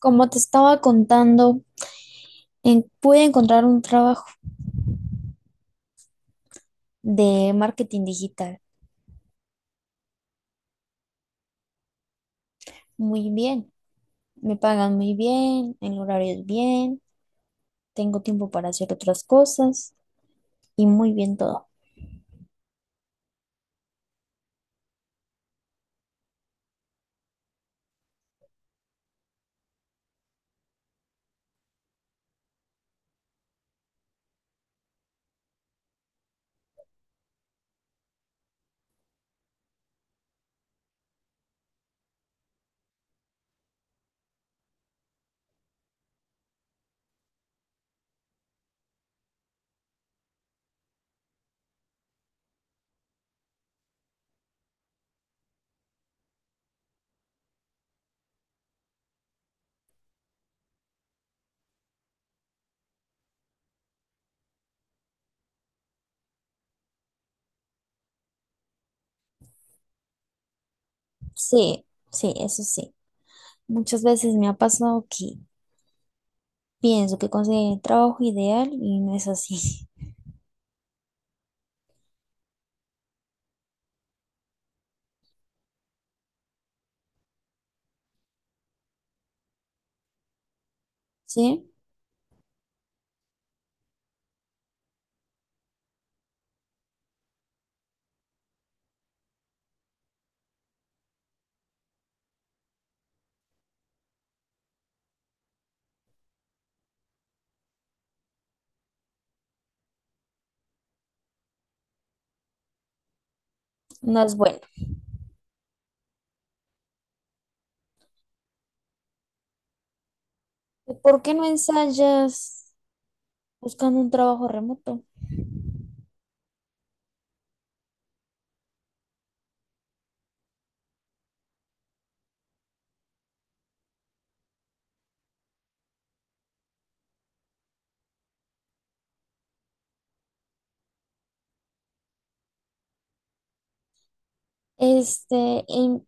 Como te estaba contando, pude encontrar un trabajo de marketing digital muy bien. Me pagan muy bien, el horario es bien, tengo tiempo para hacer otras cosas y muy bien todo. Sí, sí, eso sí. Muchas veces me ha pasado que pienso que conseguí el trabajo ideal y no es así. ¿Sí? No es bueno. ¿Por qué no ensayas buscando un trabajo remoto? Este,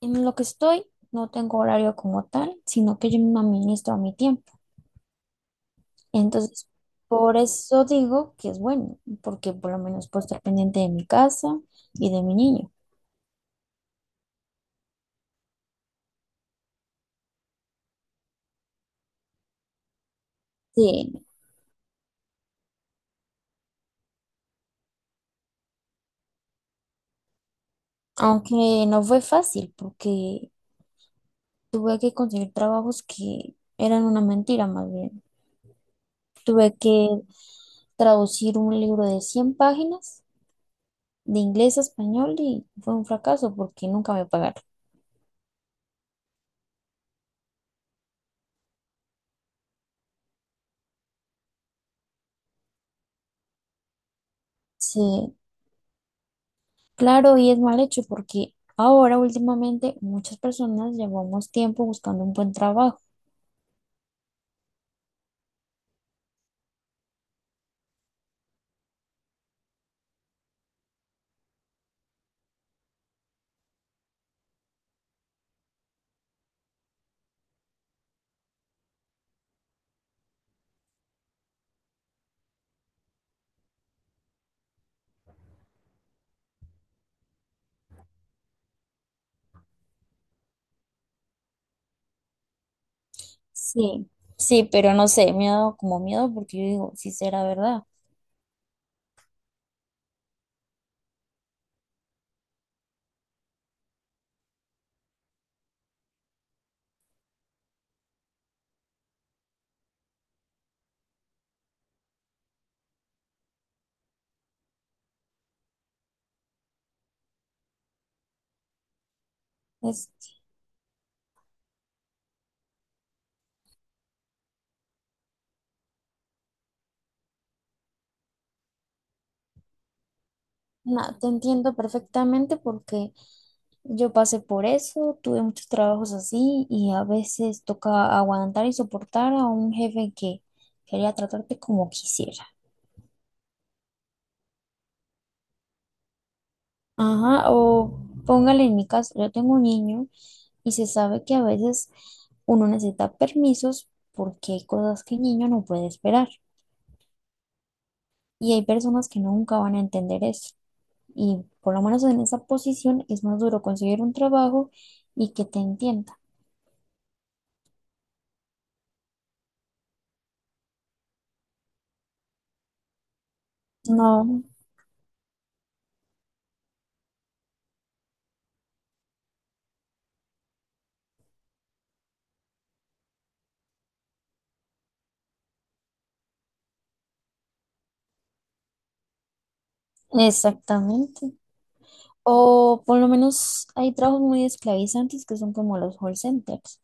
en lo que estoy, no tengo horario como tal, sino que yo me administro a mi tiempo. Entonces, por eso digo que es bueno, porque por lo menos puedo estar pendiente de mi casa y de mi niño. Sí, aunque no fue fácil, porque tuve que conseguir trabajos que eran una mentira más bien. Tuve que traducir un libro de 100 páginas de inglés a español y fue un fracaso porque nunca me pagaron. Sí, claro, y es mal hecho porque ahora últimamente muchas personas llevamos tiempo buscando un buen trabajo. Sí, sí, pero no sé, me ha dado como miedo porque yo digo, si será verdad. Es, Te entiendo perfectamente porque yo pasé por eso, tuve muchos trabajos así y a veces toca aguantar y soportar a un jefe que quería tratarte como quisiera. Ajá, o póngale en mi caso, yo tengo un niño y se sabe que a veces uno necesita permisos porque hay cosas que el niño no puede esperar y hay personas que nunca van a entender eso. Y por lo menos en esa posición es más duro conseguir un trabajo y que te entienda. No, exactamente. O por lo menos hay trabajos muy esclavizantes que son como los call centers.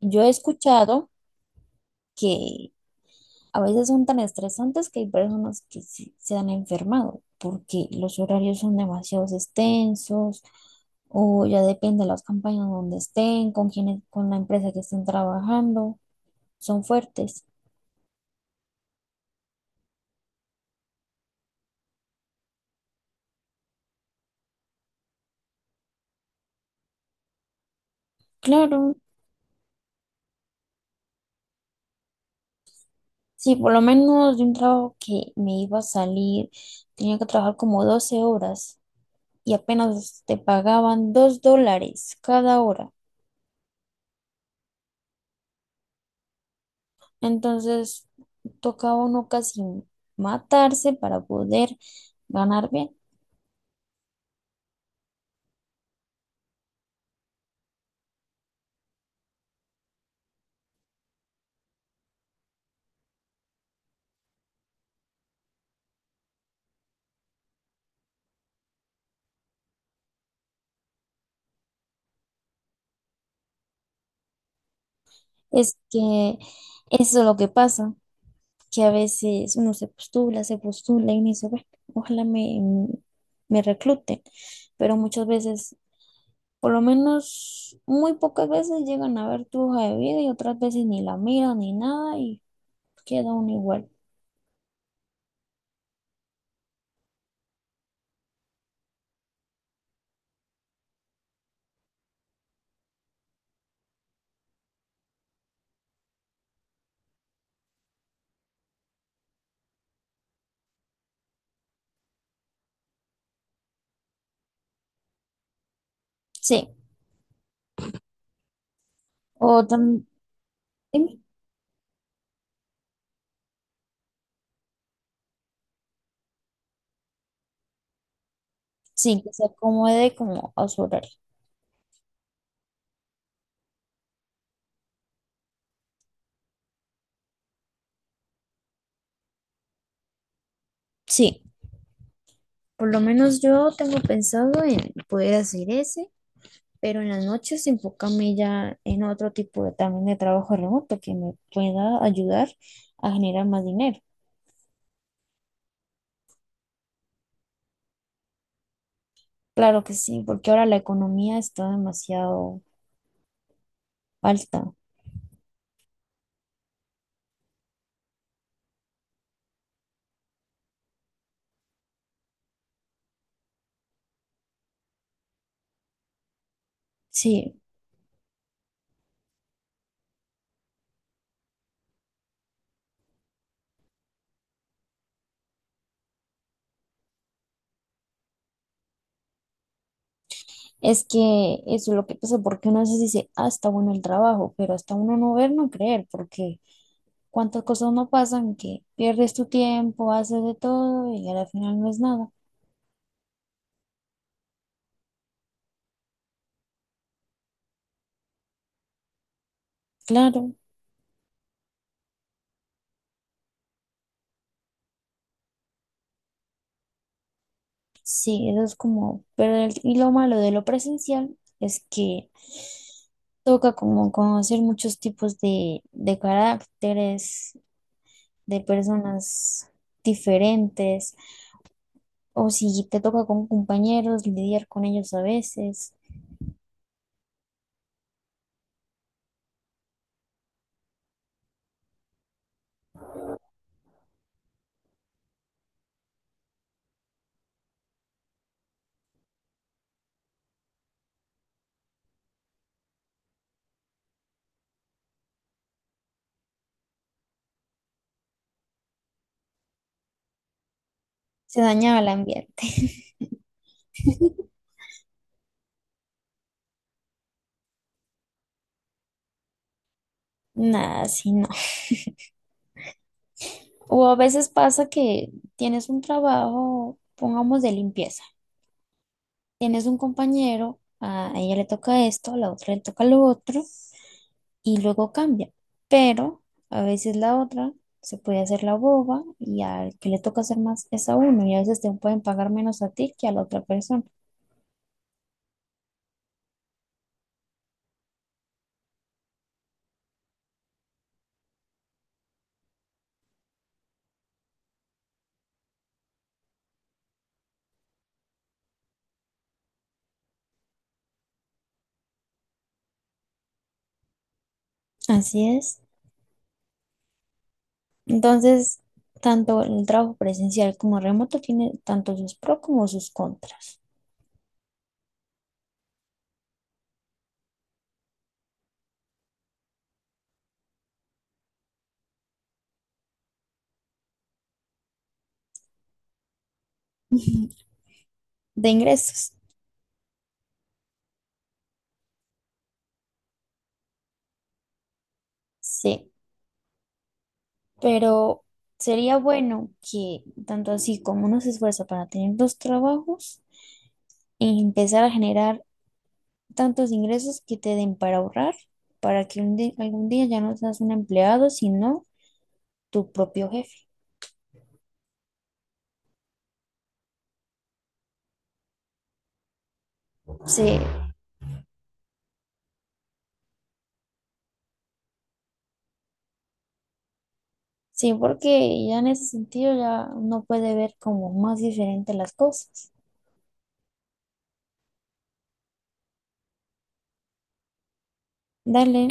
Yo he escuchado que a veces son tan estresantes que hay personas que se han enfermado porque los horarios son demasiado extensos o ya depende de las campañas donde estén, con quienes con la empresa que estén trabajando, son fuertes. Claro, sí, por lo menos de un trabajo que me iba a salir, tenía que trabajar como 12 horas y apenas te pagaban $2 cada hora. Entonces tocaba uno casi matarse para poder ganar bien. Es que eso es lo que pasa, que a veces uno se postula y uno dice, "Bueno, ojalá me recluten, pero muchas veces, por lo menos muy pocas veces llegan a ver tu hoja de vida y otras veces ni la miran ni nada y queda uno igual. Sí, o también, sí, que se acomode como a su horario. Sí, por lo menos yo tengo pensado en poder hacer eso pero en las noches enfocarme ya en otro tipo de, también de trabajo remoto que me pueda ayudar a generar más dinero. Claro que sí, porque ahora la economía está demasiado alta. Sí, es que eso es lo que pasa, porque uno a veces dice, ah, está bueno el trabajo, pero hasta uno no ver, no creer, porque cuántas cosas no pasan que pierdes tu tiempo, haces de todo y al final no es nada. Claro. Sí, eso es como, pero el- y lo malo de lo presencial es que toca como conocer muchos tipos de, caracteres, de personas diferentes, o si te toca con compañeros, lidiar con ellos a veces, se dañaba el ambiente. Nada, sí, no. O a veces pasa que tienes un trabajo, pongamos de limpieza. Tienes un compañero, a ella le toca esto, a la otra le toca lo otro, y luego cambia. Pero a veces la otra se puede hacer la boba y al que le toca hacer más es a uno, y a veces te pueden pagar menos a ti que a la otra persona. Así es. Entonces, tanto el trabajo presencial como remoto tiene tanto sus pros como sus contras. De ingresos. Sí, pero sería bueno que tanto así como uno se esfuerza para tener dos trabajos, empezar a generar tantos ingresos que te den para ahorrar, para que algún día ya no seas un empleado, sino tu propio jefe. Sí, sí, porque ya en ese sentido ya uno puede ver como más diferente las cosas. Dale.